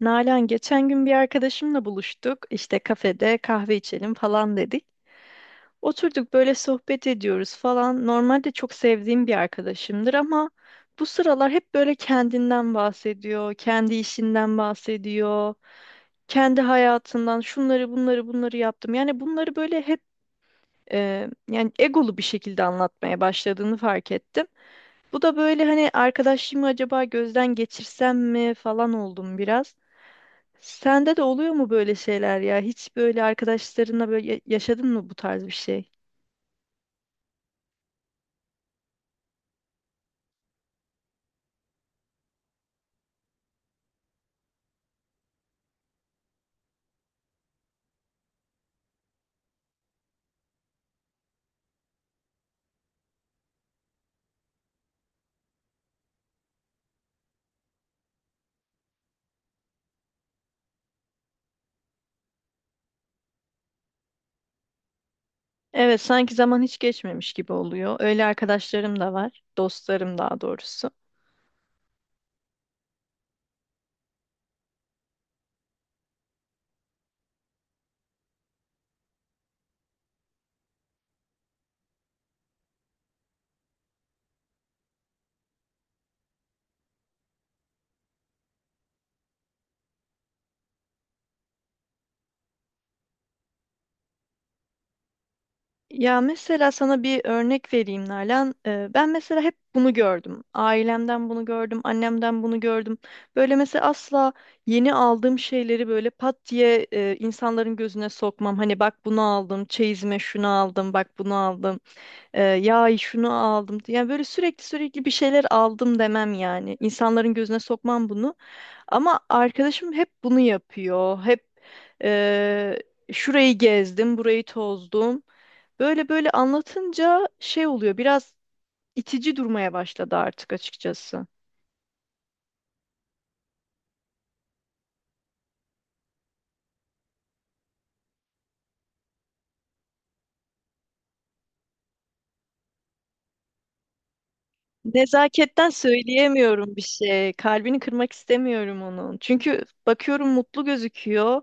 Nalan geçen gün bir arkadaşımla buluştuk. İşte kafede kahve içelim falan dedik. Oturduk böyle sohbet ediyoruz falan. Normalde çok sevdiğim bir arkadaşımdır ama bu sıralar hep böyle kendinden bahsediyor, kendi işinden bahsediyor, kendi hayatından şunları bunları yaptım. Yani bunları böyle hep yani egolu bir şekilde anlatmaya başladığını fark ettim. Bu da böyle hani arkadaşlığımı acaba gözden geçirsem mi falan oldum biraz. Sende de oluyor mu böyle şeyler ya? Hiç böyle arkadaşlarınla böyle yaşadın mı bu tarz bir şey? Evet, sanki zaman hiç geçmemiş gibi oluyor. Öyle arkadaşlarım da var, dostlarım daha doğrusu. Ya mesela sana bir örnek vereyim Nalan. Ben mesela hep bunu gördüm. Ailemden bunu gördüm, annemden bunu gördüm. Böyle mesela asla yeni aldığım şeyleri böyle pat diye insanların gözüne sokmam. Hani bak bunu aldım, çeyizime şunu aldım, bak bunu aldım. Ya şunu aldım. Yani böyle sürekli bir şeyler aldım demem yani. İnsanların gözüne sokmam bunu. Ama arkadaşım hep bunu yapıyor. Hep eee, şurayı gezdim, burayı tozdum. Böyle böyle anlatınca şey oluyor. Biraz itici durmaya başladı artık açıkçası. Nezaketten söyleyemiyorum bir şey. Kalbini kırmak istemiyorum onun. Çünkü bakıyorum mutlu gözüküyor.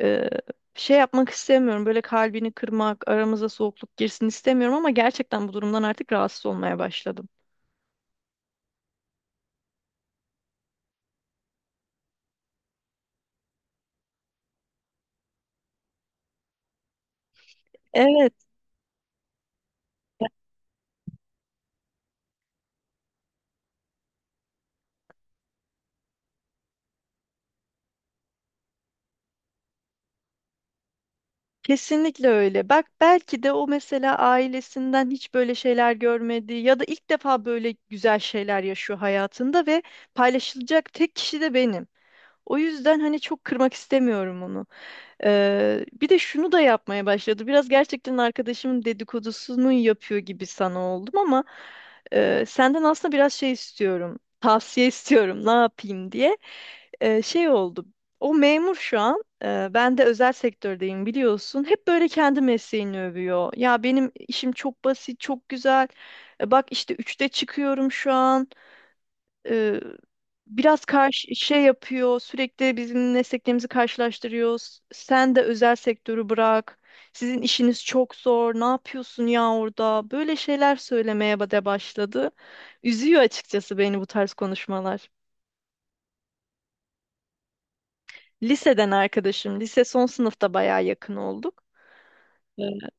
e, Şey yapmak istemiyorum. Böyle kalbini kırmak, aramıza soğukluk girsin istemiyorum ama gerçekten bu durumdan artık rahatsız olmaya başladım. Evet, kesinlikle öyle. Bak belki de o mesela ailesinden hiç böyle şeyler görmedi ya da ilk defa böyle güzel şeyler yaşıyor hayatında ve paylaşılacak tek kişi de benim. O yüzden hani çok kırmak istemiyorum onu. Bir de şunu da yapmaya başladı. Biraz gerçekten arkadaşımın dedikodusunu yapıyor gibi sana oldum ama senden aslında biraz şey istiyorum. Tavsiye istiyorum ne yapayım diye. Şey oldu. O memur şu an. Ben de özel sektördeyim biliyorsun. Hep böyle kendi mesleğini övüyor. Ya benim işim çok basit, çok güzel. E, bak işte üçte çıkıyorum şu an, e, biraz karşı şey yapıyor, sürekli bizim mesleklerimizi karşılaştırıyoruz. Sen de özel sektörü bırak. Sizin işiniz çok zor. Ne yapıyorsun ya orada? Böyle şeyler söylemeye ba- de başladı. Üzüyor açıkçası beni bu tarz konuşmalar. Liseden arkadaşım, lise son sınıfta bayağı yakın olduk. Evet.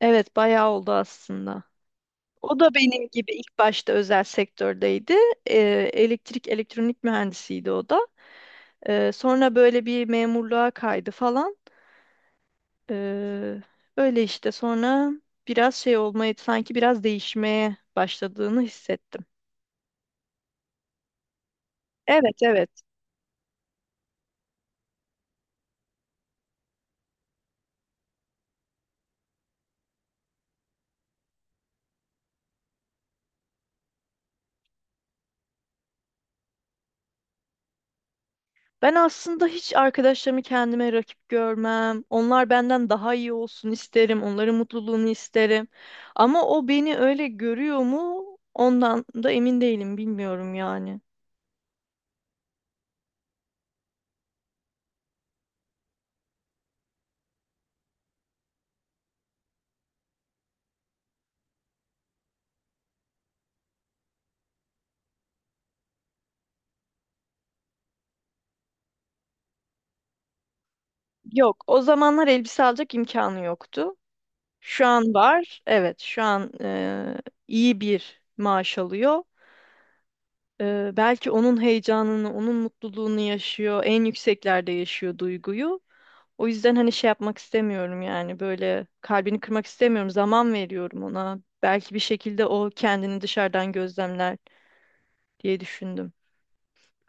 Evet, bayağı oldu aslında. O da benim gibi ilk başta özel sektördeydi. Ee, Elektrik, elektronik mühendisiydi o da. Sonra böyle bir memurluğa kaydı falan. Ee, Öyle işte sonra biraz şey olmaya sanki biraz değişmeye başladığını hissettim. Evet, evet. Ben aslında hiç arkadaşlarımı kendime rakip görmem. Onlar benden daha iyi olsun isterim. Onların mutluluğunu isterim. Ama o beni öyle görüyor mu? Ondan da emin değilim, bilmiyorum yani. Yok, o zamanlar elbise alacak imkanı yoktu. Şu an var. Evet, şu an iyi bir maaş alıyor. Belki onun heyecanını, onun mutluluğunu yaşıyor. En yükseklerde yaşıyor duyguyu. O yüzden hani şey yapmak istemiyorum yani böyle kalbini kırmak istemiyorum. Zaman veriyorum ona. Belki bir şekilde o kendini dışarıdan gözlemler diye düşündüm.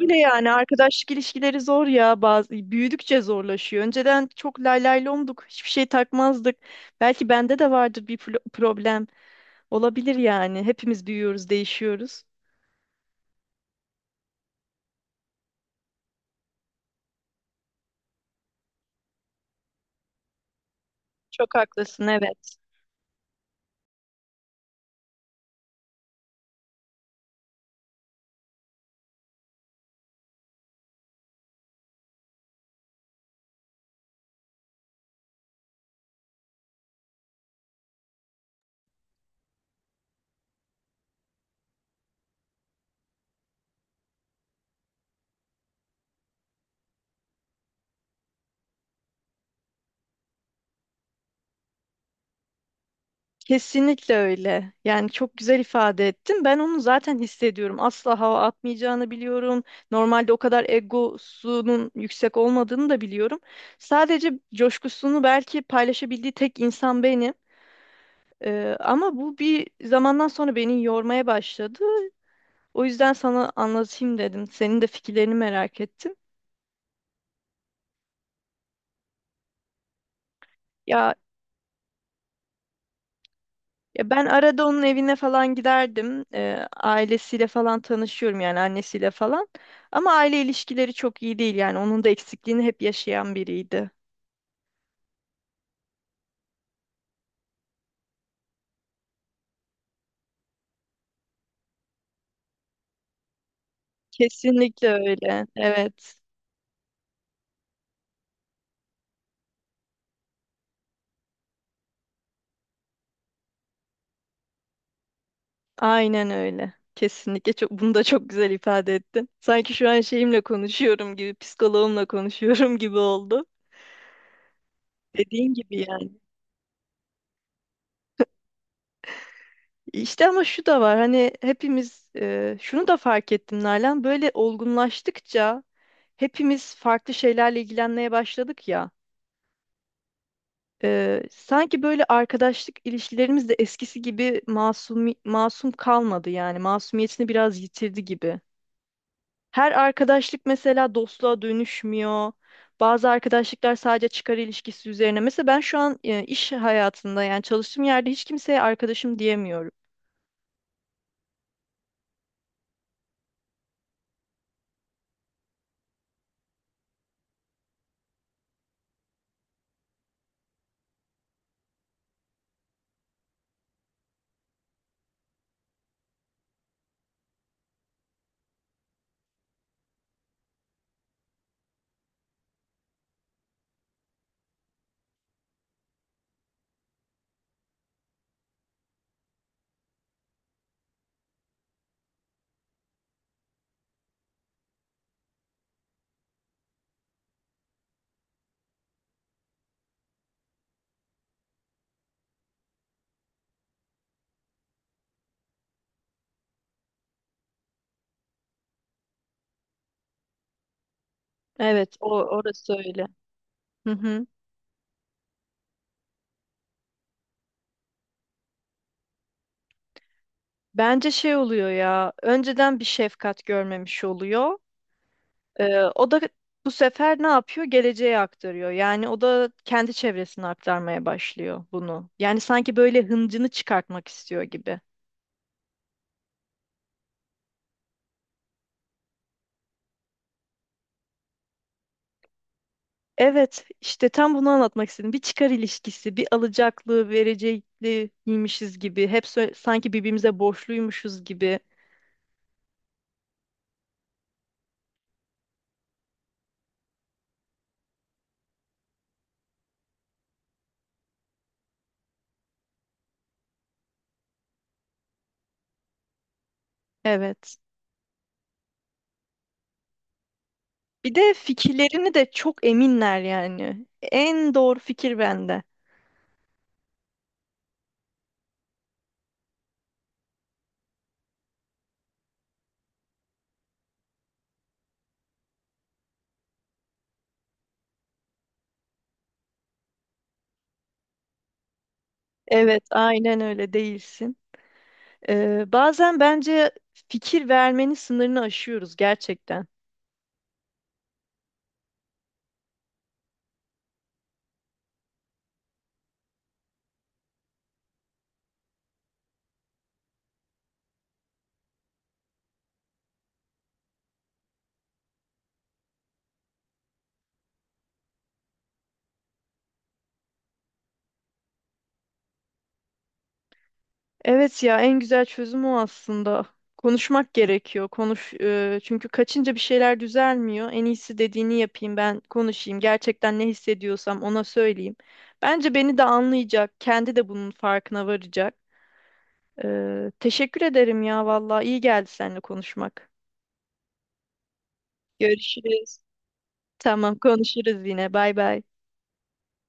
Öyle yani arkadaşlık ilişkileri zor ya bazı büyüdükçe zorlaşıyor. Önceden çok lay lay lomduk, hiçbir şey takmazdık. Belki bende de vardır bir problem. Olabilir yani. Hepimiz büyüyoruz, değişiyoruz. Çok haklısın, evet. Kesinlikle öyle. Yani çok güzel ifade ettin. Ben onu zaten hissediyorum. Asla hava atmayacağını biliyorum. Normalde o kadar egosunun yüksek olmadığını da biliyorum. Sadece coşkusunu belki paylaşabildiği tek insan benim. Ama bu bir zamandan sonra beni yormaya başladı. O yüzden sana anlatayım dedim. Senin de fikirlerini merak ettim. Ya Ya, ben arada onun evine falan giderdim. Ailesiyle falan tanışıyorum yani annesiyle falan. Ama aile ilişkileri çok iyi değil yani onun da eksikliğini hep yaşayan biriydi. Kesinlikle öyle. Evet. Aynen öyle. Kesinlikle çok bunu da çok güzel ifade ettin. Sanki şu an şeyimle konuşuyorum gibi, psikoloğumla konuşuyorum gibi oldu. Dediğin gibi yani. İşte ama şu da var hani hepimiz şunu da fark ettim Nalan, böyle olgunlaştıkça hepimiz farklı şeylerle ilgilenmeye başladık ya, sanki böyle arkadaşlık ilişkilerimiz de eskisi gibi masum kalmadı yani masumiyetini biraz yitirdi gibi. Her arkadaşlık mesela dostluğa dönüşmüyor. Bazı arkadaşlıklar sadece çıkar ilişkisi üzerine. Mesela ben şu an iş hayatında yani çalıştığım yerde hiç kimseye arkadaşım diyemiyorum. Evet, o orası öyle. Hı hı. Bence şey oluyor ya, önceden bir şefkat görmemiş oluyor. O da bu sefer ne yapıyor? Geleceğe aktarıyor. Yani o da kendi çevresine aktarmaya başlıyor bunu. Yani sanki böyle hıncını çıkartmak istiyor gibi. Evet, işte tam bunu anlatmak istedim. Bir çıkar ilişkisi, bir alacaklı, verecekliymişiz gibi. Hep sanki birbirimize borçluymuşuz gibi. Evet. Bir de fikirlerini de çok eminler yani. En doğru fikir bende. Evet, aynen öyle değilsin. Bazen bence fikir vermenin sınırını aşıyoruz gerçekten. Evet ya en güzel çözüm o aslında. Konuşmak gerekiyor. Konuş, çünkü kaçınca bir şeyler düzelmiyor. En iyisi dediğini yapayım, ben konuşayım. Gerçekten ne hissediyorsam ona söyleyeyim. Bence beni de anlayacak. Kendi de bunun farkına varacak. Teşekkür ederim ya vallahi iyi geldi seninle konuşmak. Görüşürüz. Tamam, konuşuruz yine. Bay bay.